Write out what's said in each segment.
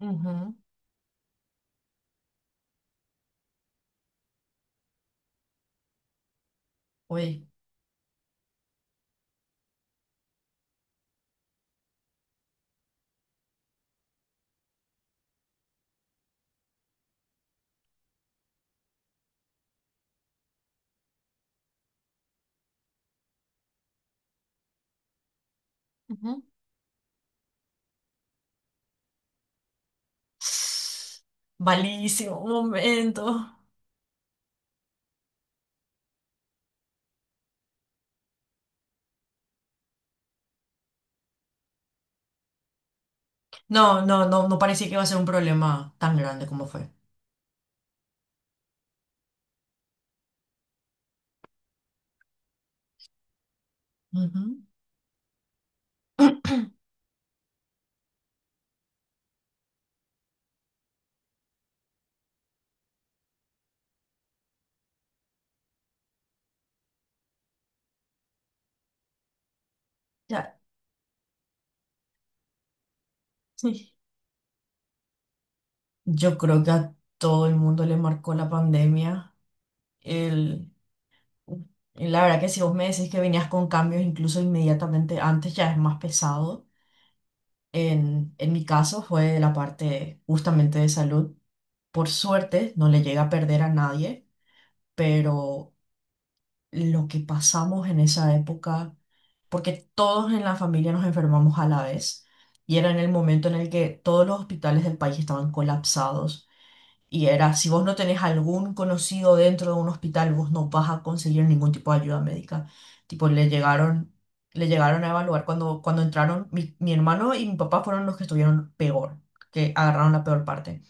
Ujú. Uy. Ujú. Malísimo, un momento. No, no, no, no parecía que iba a ser un problema tan grande como fue. Ujú. Ya, sí. Yo creo que a todo el mundo le marcó la pandemia. El, y la verdad que si vos me decís que venías con cambios incluso inmediatamente antes, ya es más pesado. En mi caso fue la parte justamente de salud. Por suerte no le llega a perder a nadie, pero lo que pasamos en esa época, porque todos en la familia nos enfermamos a la vez y era en el momento en el que todos los hospitales del país estaban colapsados y era, si vos no tenés algún conocido dentro de un hospital, vos no vas a conseguir ningún tipo de ayuda médica. Tipo, le llegaron a evaluar cuando, cuando entraron, mi hermano y mi papá fueron los que estuvieron peor, que agarraron la peor parte.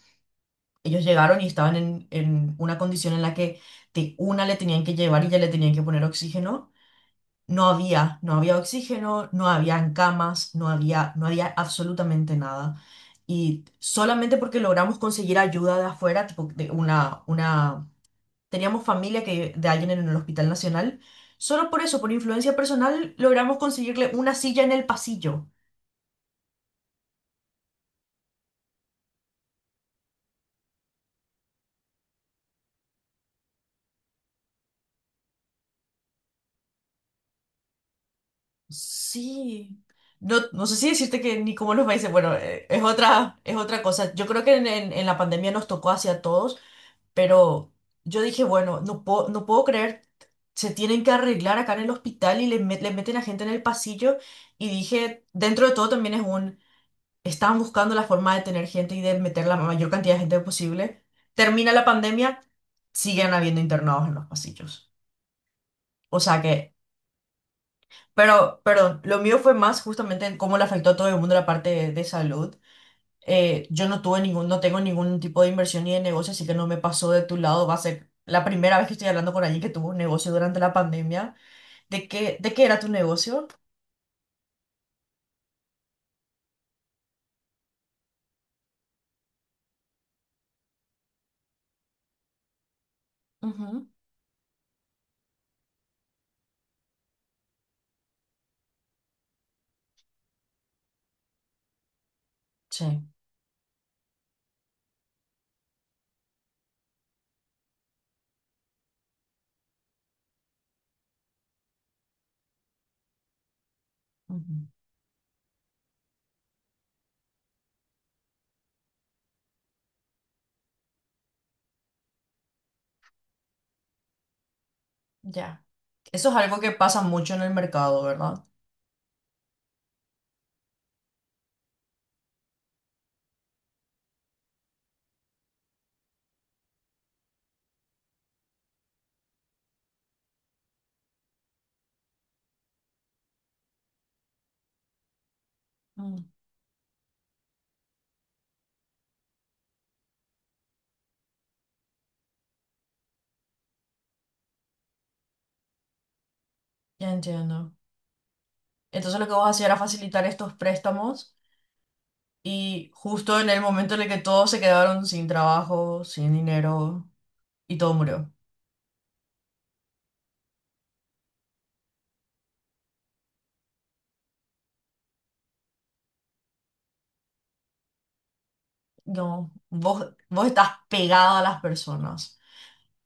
Ellos llegaron y estaban en una condición en la que de una le tenían que llevar y ya le tenían que poner oxígeno. No había, no había oxígeno, no habían camas, no había, no había absolutamente nada. Y solamente porque logramos conseguir ayuda de afuera, tipo de una teníamos familia que, de alguien en el Hospital Nacional, solo por eso, por influencia personal, logramos conseguirle una silla en el pasillo. Sí. No, no sé si decirte que ni como los países, bueno, es otra cosa. Yo creo que en, en la pandemia nos tocó hacia todos. Pero yo dije, bueno, no puedo, no puedo creer, se tienen que arreglar acá en el hospital y le, le meten a gente en el pasillo. Y dije, dentro de todo también es un, estaban buscando la forma de tener gente y de meter la mayor cantidad de gente posible. Termina la pandemia, siguen habiendo internados en los pasillos. O sea que, pero, perdón, lo mío fue más justamente en cómo le afectó a todo el mundo la parte de salud. Yo no tuve ningún, no tengo ningún tipo de inversión ni de negocio, así que no me pasó de tu lado. Va a ser la primera vez que estoy hablando con alguien que tuvo un negocio durante la pandemia. De qué era tu negocio? Ujú. Sí. Ujú. Ya. Eso es algo que pasa mucho en el mercado, ¿verdad? Mm, ya entiendo. Entonces lo que vos hacías era facilitar estos préstamos y justo en el momento en el que todos se quedaron sin trabajo, sin dinero y todo murió. No, vos, vos estás pegado a las personas.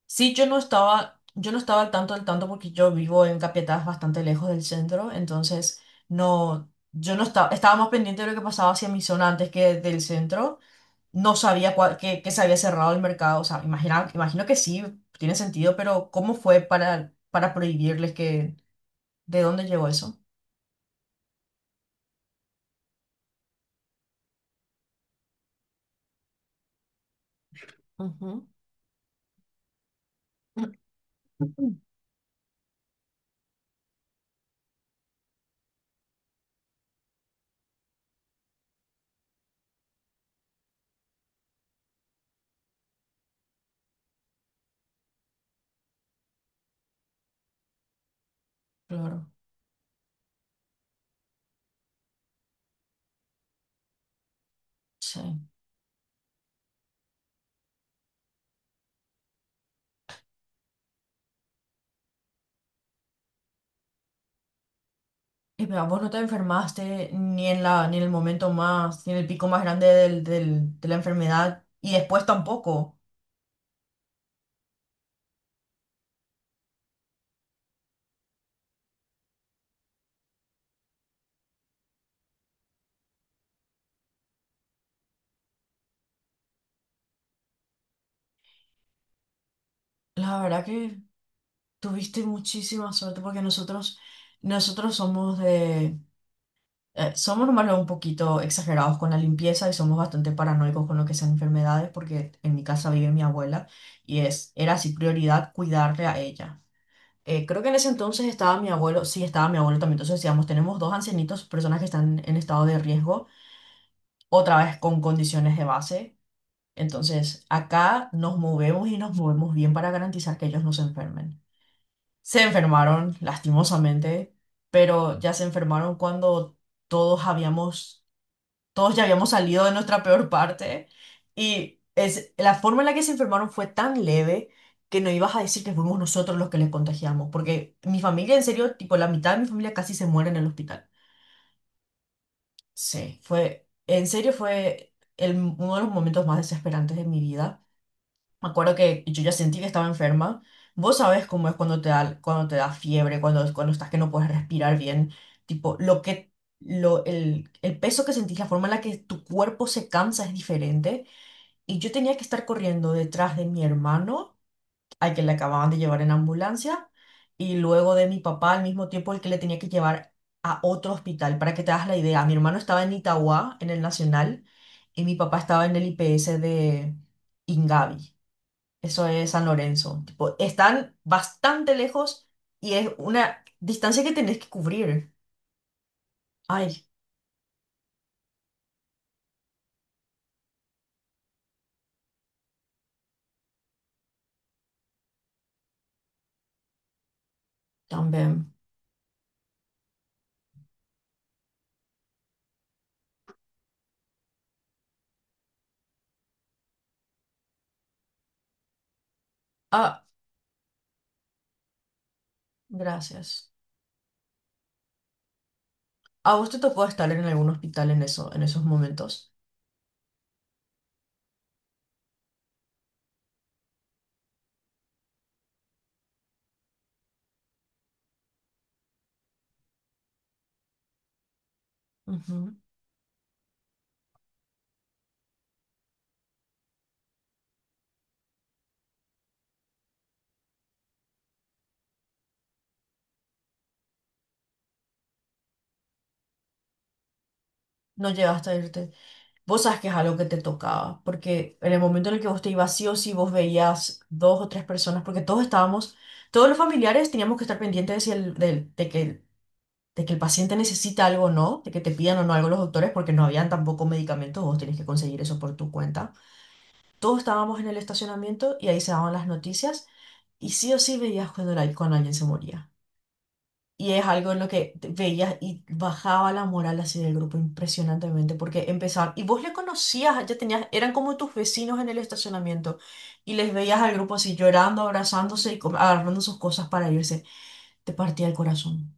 Sí, yo no estaba al tanto del tanto porque yo vivo en Capiatá, es bastante lejos del centro, entonces no, yo no estaba, estaba más pendiente de lo que pasaba hacia mi zona antes que del centro. No sabía cuál- que se había cerrado el mercado, o sea, imagina, imagino que sí, tiene sentido, pero ¿cómo fue para prohibirles que, de dónde llegó eso? Claro, sí. ¿Y pero vos no te enfermaste ni en la, ni en el momento más, ni en el pico más grande del, del- de la enfermedad, y después tampoco? La verdad que tuviste muchísima suerte porque nosotros somos de, somos normalmente un poquito exagerados con la limpieza y somos bastante paranoicos con lo que sean enfermedades porque en mi casa vive mi abuela y es, era así prioridad cuidarle a ella. Creo que en ese entonces estaba mi abuelo, sí estaba mi abuelo también, entonces decíamos, tenemos dos ancianitos, personas que están en estado de riesgo, otra vez con condiciones de base. Entonces, acá nos movemos y nos movemos bien para garantizar que ellos no se enfermen. Se enfermaron, lastimosamente, pero ya se enfermaron cuando todos habíamos, todos ya habíamos salido de nuestra peor parte y es, la forma en la que se enfermaron fue tan leve que no ibas a decir que fuimos nosotros los que les contagiamos, porque mi familia, en serio, tipo la mitad de mi familia casi se muere en el hospital. Sí, fue, en serio fue el, uno de los momentos más desesperantes de mi vida. Me acuerdo que yo ya sentí que estaba enferma. Vos sabés cómo es cuando te da fiebre, cuando, cuando estás que no puedes respirar bien. Tipo, lo que, lo, el peso que sentís, la forma en la que tu cuerpo se cansa es diferente. Y yo tenía que estar corriendo detrás de mi hermano, al que le acababan de llevar en ambulancia, y luego de mi papá al mismo tiempo, el que le tenía que llevar a otro hospital. Para que te hagas la idea, mi hermano estaba en Itauguá, en el Nacional, y mi papá estaba en el IPS de Ingavi. Eso es San Lorenzo. Tipo, están bastante lejos y es una distancia que tenés que cubrir. Ay, también. Ah, gracias. ¿A vos te tocó estar en algún hospital en eso, en esos momentos? Ujú. No llegaste a irte. Vos sabes que es algo que te tocaba, porque en el momento en el que vos te ibas sí o sí, vos veías dos o tres personas, porque todos estábamos, todos los familiares teníamos que estar pendientes de, si el- del- de que el paciente necesita algo o no, de que te pidan o no algo los doctores, porque no habían tampoco medicamentos, vos tenés que conseguir eso por tu cuenta. Todos estábamos en el estacionamiento y ahí se daban las noticias y sí o sí veías cuando, cuando alguien se moría. Y es algo en lo que veías y bajaba la moral así del grupo impresionantemente porque empezaban, y vos le conocías, ya tenías, eran como tus vecinos en el estacionamiento y les veías al grupo así llorando, abrazándose y agarrando sus cosas para irse. Te partía el corazón.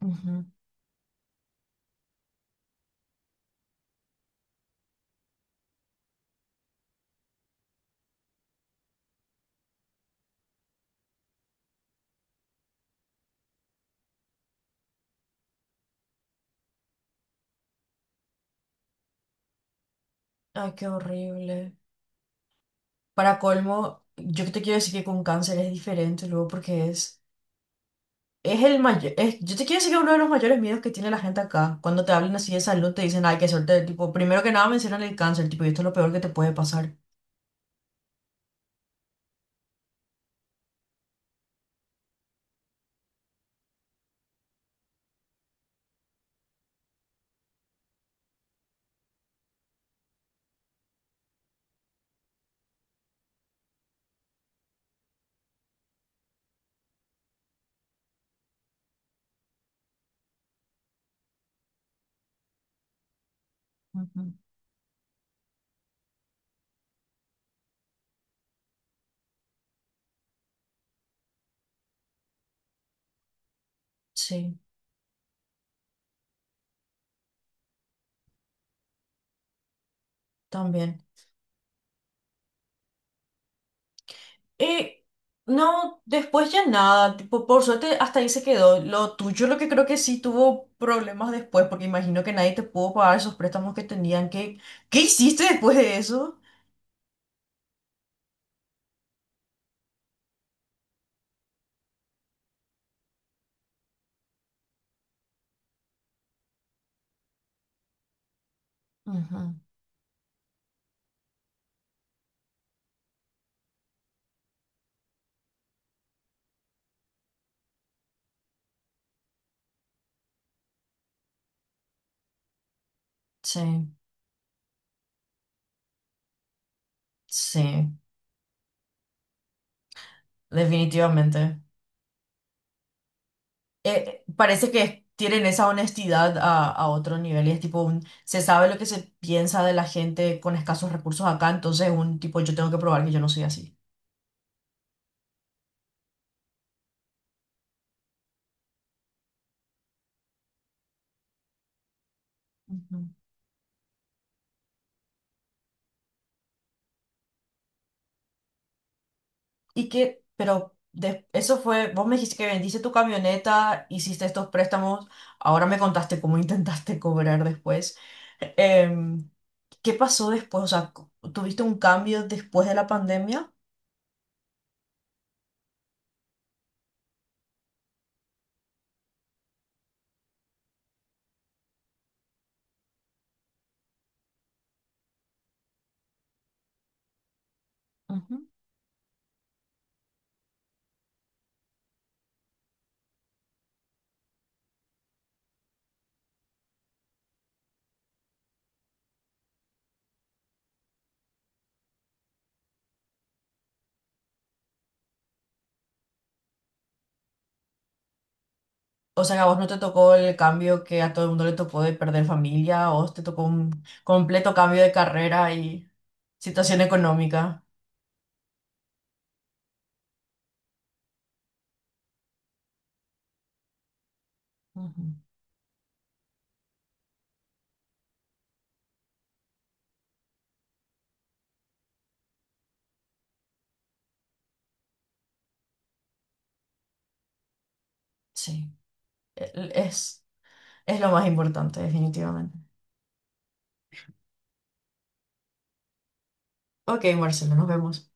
Ujú. Ay, qué horrible. Para colmo, yo te quiero decir que con cáncer es diferente luego porque es el mayor, es, yo te quiero decir que uno de los mayores miedos que tiene la gente acá, cuando te hablan así de salud, te dicen, ay, qué suerte, tipo, primero que nada mencionan el cáncer, tipo, y esto es lo peor que te puede pasar. Ujú. Sí, también. Y no, después ya nada, tipo, por suerte hasta ahí se quedó. Lo tuyo, lo que creo que sí tuvo problemas después, porque imagino que nadie te pudo pagar esos préstamos que tenían. ¿Qué, qué hiciste después de eso? Ujú. Sí, sí. Definitivamente. Parece que tienen esa honestidad a otro nivel y es tipo un, se sabe lo que se piensa de la gente con escasos recursos acá, entonces un tipo, yo tengo que probar que yo no soy así. Ujú. Y que, pero de- eso fue, vos me dijiste que vendiste tu camioneta, hiciste estos préstamos, ahora me contaste cómo intentaste cobrar después. Em, ¿Qué pasó después? O sea, ¿tuviste un cambio después de la pandemia? O sea, que a vos no te tocó el cambio que a todo el mundo le tocó de perder familia, o te tocó un completo cambio de carrera y situación económica. Ujú. Sí. El- es, es lo más importante, definitivamente. Ok, Marcelo, nos vemos.